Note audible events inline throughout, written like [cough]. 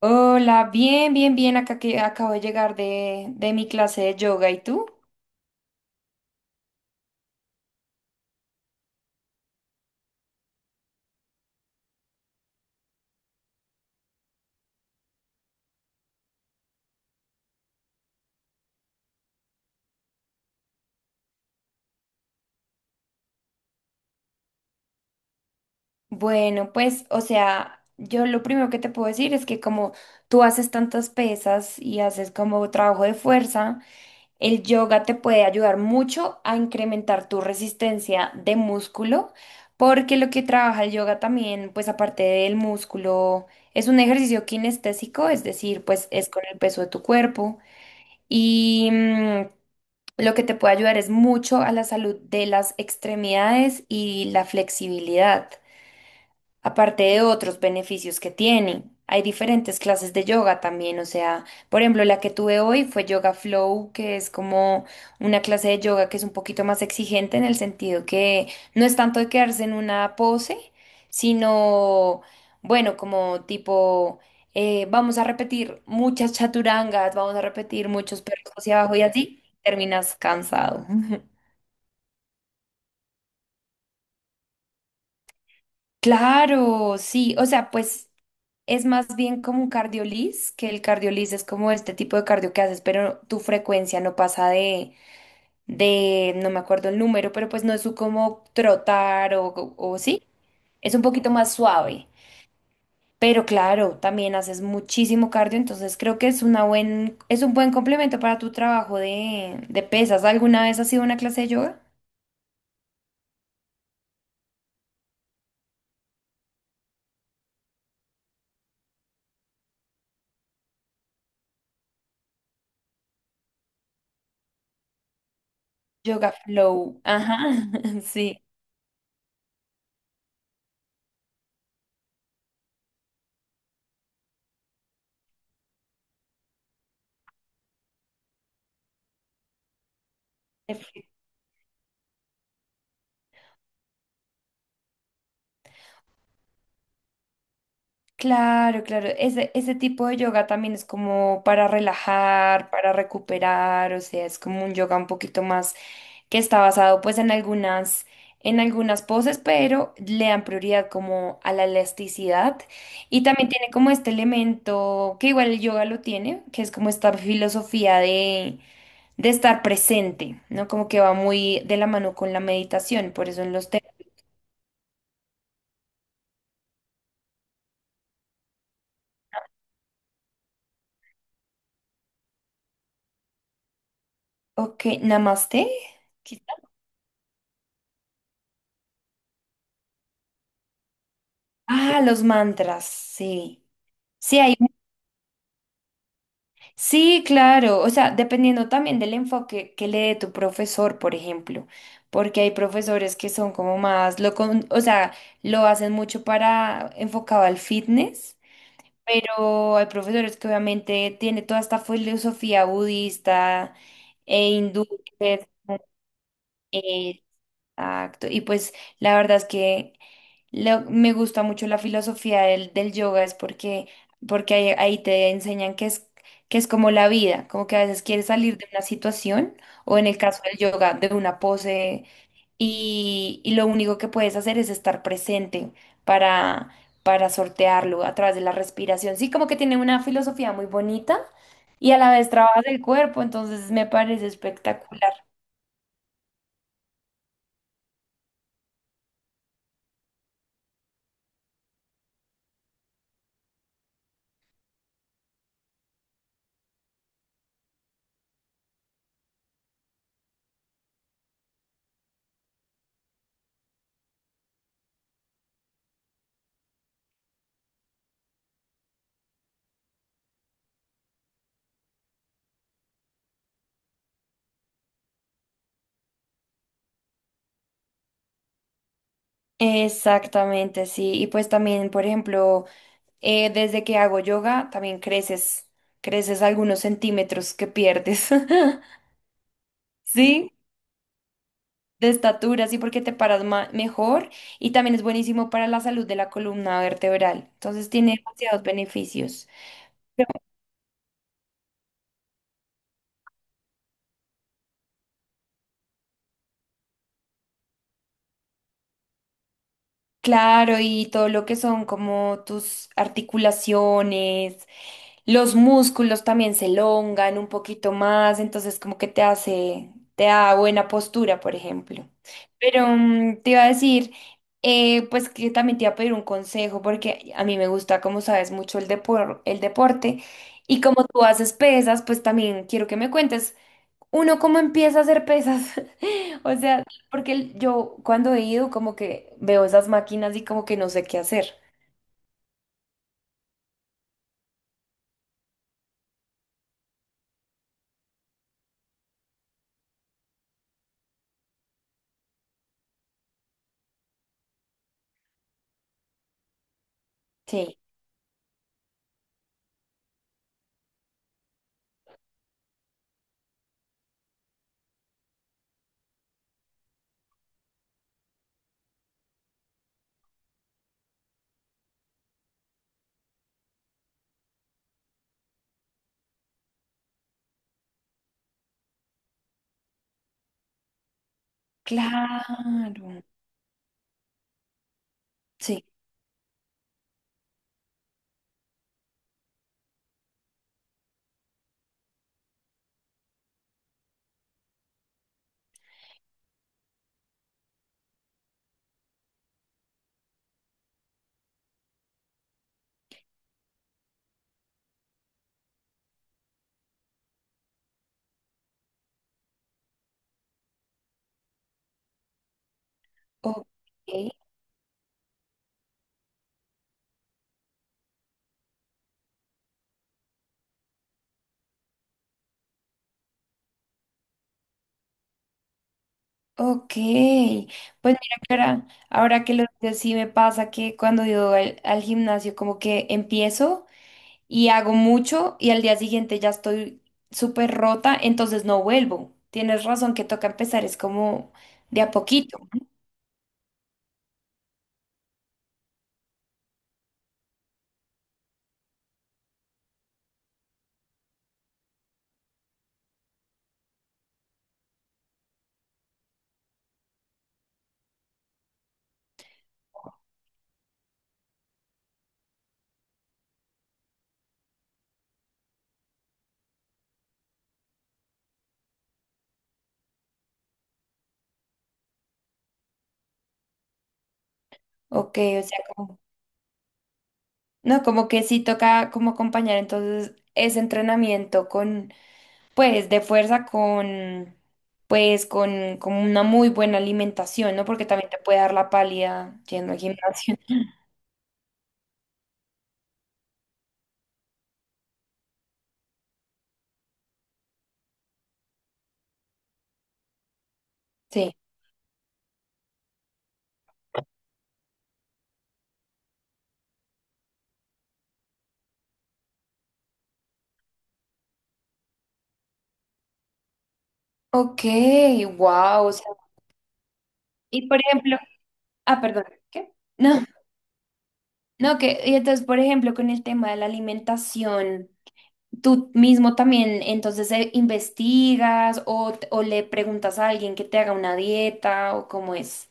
Hola, bien, bien, bien, acá que acabo de llegar de mi clase de yoga, ¿y tú? Bueno, pues, o sea, yo lo primero que te puedo decir es que como tú haces tantas pesas y haces como trabajo de fuerza, el yoga te puede ayudar mucho a incrementar tu resistencia de músculo, porque lo que trabaja el yoga también, pues aparte del músculo, es un ejercicio kinestésico, es decir, pues es con el peso de tu cuerpo. Y mm, Lo que te puede ayudar es mucho a la salud de las extremidades y la flexibilidad. Aparte de otros beneficios que tiene, hay diferentes clases de yoga también, o sea, por ejemplo, la que tuve hoy fue Yoga Flow, que es como una clase de yoga que es un poquito más exigente en el sentido que no es tanto de quedarse en una pose, sino, bueno, como tipo, vamos a repetir muchas chaturangas, vamos a repetir muchos perros hacia abajo y así terminas cansado. [laughs] Claro, sí, o sea, pues es más bien como un cardioliz, que el cardioliz es como este tipo de cardio que haces, pero tu frecuencia no pasa de, no me acuerdo el número, pero pues no es su como trotar o sí, es un poquito más suave. Pero claro, también haces muchísimo cardio, entonces creo que es una buen, es un buen complemento para tu trabajo de pesas. ¿Alguna vez has sido una clase de yoga? Yoga flow, ajá, [laughs] sí. Claro, claro. Ese tipo de yoga también es como para relajar, para recuperar, o sea, es como un yoga un poquito más que está basado pues en algunas poses, pero le dan prioridad como a la elasticidad. Y también tiene como este elemento, que igual el yoga lo tiene, que es como esta filosofía de estar presente, ¿no? Como que va muy de la mano con la meditación, por eso en los temas. Ok, namaste. Quizá. Ah, los mantras, sí. Sí, hay, sí, claro, o sea, dependiendo también del enfoque que le dé tu profesor, por ejemplo, porque hay profesores que son como más, lo con- o sea, lo hacen mucho para enfocado al fitness, pero hay profesores que obviamente tiene toda esta filosofía budista e hindú. Que es como- eh, exacto, y pues la verdad es que lo- me gusta mucho la filosofía del yoga, es porque, porque ahí, ahí te enseñan que es como la vida, como que a veces quieres salir de una situación o en el caso del yoga, de una pose y lo único que puedes hacer es estar presente para, para sortearlo a través de la respiración. Sí, como que tiene una filosofía muy bonita y a la vez trabajas el cuerpo, entonces me parece espectacular. Exactamente, sí. Y pues también, por ejemplo, desde que hago yoga también creces, creces algunos centímetros que pierdes. [laughs] ¿Sí? De estatura, sí, porque te paras ma- mejor y también es buenísimo para la salud de la columna vertebral. Entonces tiene demasiados beneficios. Claro, y todo lo que son como tus articulaciones, los músculos también se elongan un poquito más, entonces como que te hace, te da buena postura, por ejemplo. Pero te iba a decir, pues que también te iba a pedir un consejo, porque a mí me gusta, como sabes, mucho el depor- el deporte, y como tú haces pesas, pues también quiero que me cuentes uno cómo empieza a hacer pesas. [laughs] O sea, porque el- yo cuando he ido como que veo esas máquinas y como que no sé qué hacer. Sí, claro. Sí. Ok, ok. Pues mira que ahora, ahora que lo dices, sí me pasa que cuando yo al gimnasio como que empiezo y hago mucho y al día siguiente ya estoy súper rota, entonces no vuelvo. Tienes razón que toca empezar, es como de a poquito. Ok, o sea, como... no, como que sí toca como acompañar entonces ese entrenamiento con, pues, de fuerza con, pues, con una muy buena alimentación, ¿no? Porque también te puede dar la pálida yendo al gimnasio. [laughs] Sí. Ok, wow. Y por ejemplo, ah, perdón, ¿qué? No, no, que, y entonces, por ejemplo, con el tema de la alimentación, tú mismo también, entonces, investigas o, t- o le preguntas a alguien que te haga una dieta o cómo es.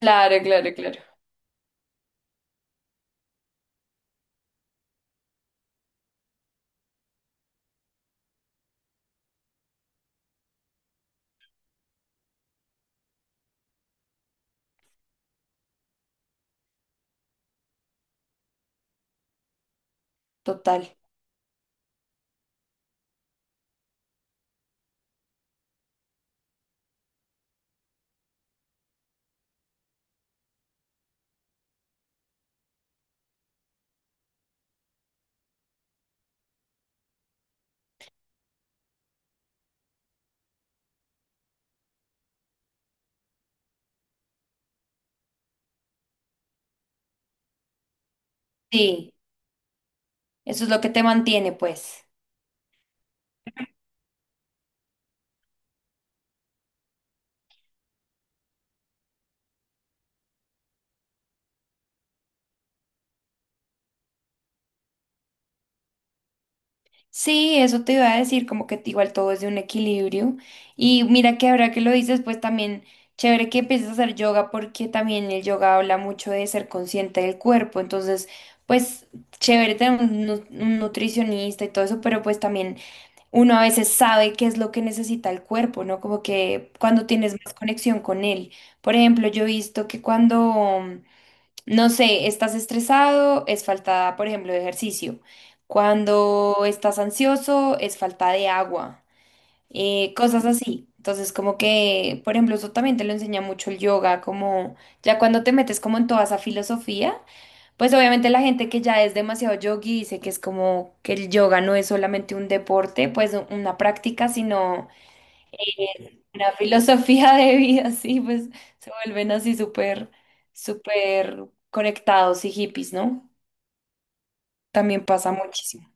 Claro, claro, claro. Total. Sí, eso es lo que te mantiene, pues. Sí, eso te iba a decir, como que igual todo es de un equilibrio. Y mira que ahora que lo dices, pues también chévere que empieces a hacer yoga porque también el yoga habla mucho de ser consciente del cuerpo. Entonces, pues chévere tener un, nu- un nutricionista y todo eso, pero pues también uno a veces sabe qué es lo que necesita el cuerpo, ¿no? Como que cuando tienes más conexión con él. Por ejemplo, yo he visto que cuando no sé, estás estresado, es falta, por ejemplo, de ejercicio. Cuando estás ansioso, es falta de agua. Cosas así. Entonces, como que, por ejemplo, eso también te lo enseña mucho el yoga, como ya cuando te metes como en toda esa filosofía, pues obviamente la gente que ya es demasiado yogi dice que es como que el yoga no es solamente un deporte, pues u- una práctica, sino una filosofía de vida, [laughs] sí, pues se vuelven así súper, súper conectados y hippies, ¿no? También pasa muchísimo.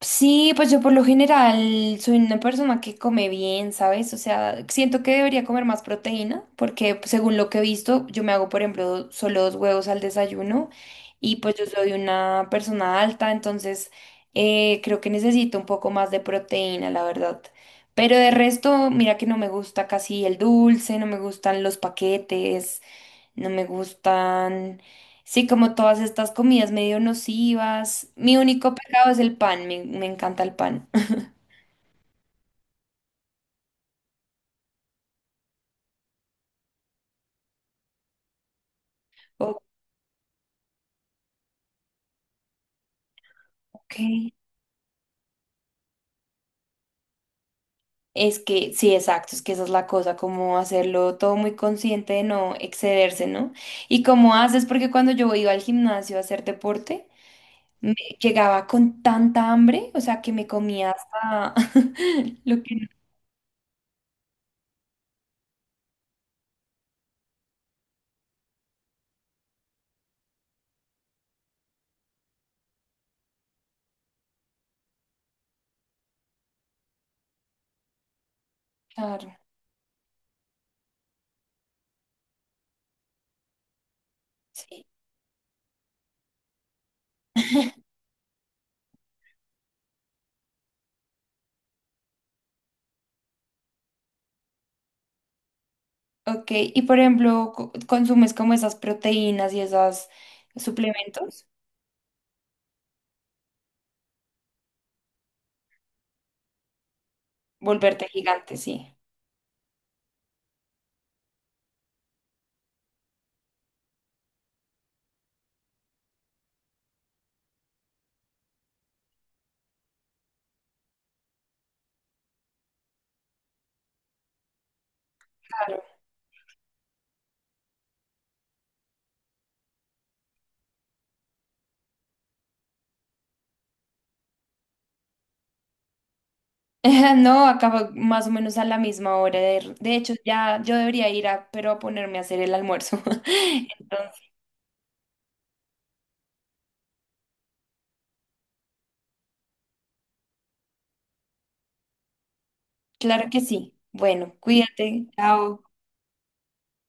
Sí, pues yo por lo general soy una persona que come bien, ¿sabes? O sea, siento que debería comer más proteína porque pues, según lo que he visto, yo me hago, por ejemplo, solo dos huevos al desayuno y pues yo soy una persona alta, entonces creo que necesito un poco más de proteína, la verdad. Pero de resto, mira que no me gusta casi el dulce, no me gustan los paquetes, no me gustan... sí, como todas estas comidas medio nocivas. Mi único pecado es el pan, me encanta el pan. [laughs] Ok. Es que, sí, exacto, es que esa es la cosa, como hacerlo todo muy consciente de no excederse, ¿no? Y cómo haces, porque cuando yo iba al gimnasio a hacer deporte, me llegaba con tanta hambre, o sea, que me comía hasta [laughs] lo que no. Claro, sí. [laughs] Ok, y por ejemplo, co- ¿consumes como esas proteínas y esos suplementos? Volverte gigante, sí. Claro. [laughs] No, acaba más o menos a la misma hora. De hecho, ya yo debería ir a, pero a ponerme a hacer el almuerzo. [laughs] Entonces, claro que sí. Bueno, cuídate. Chao.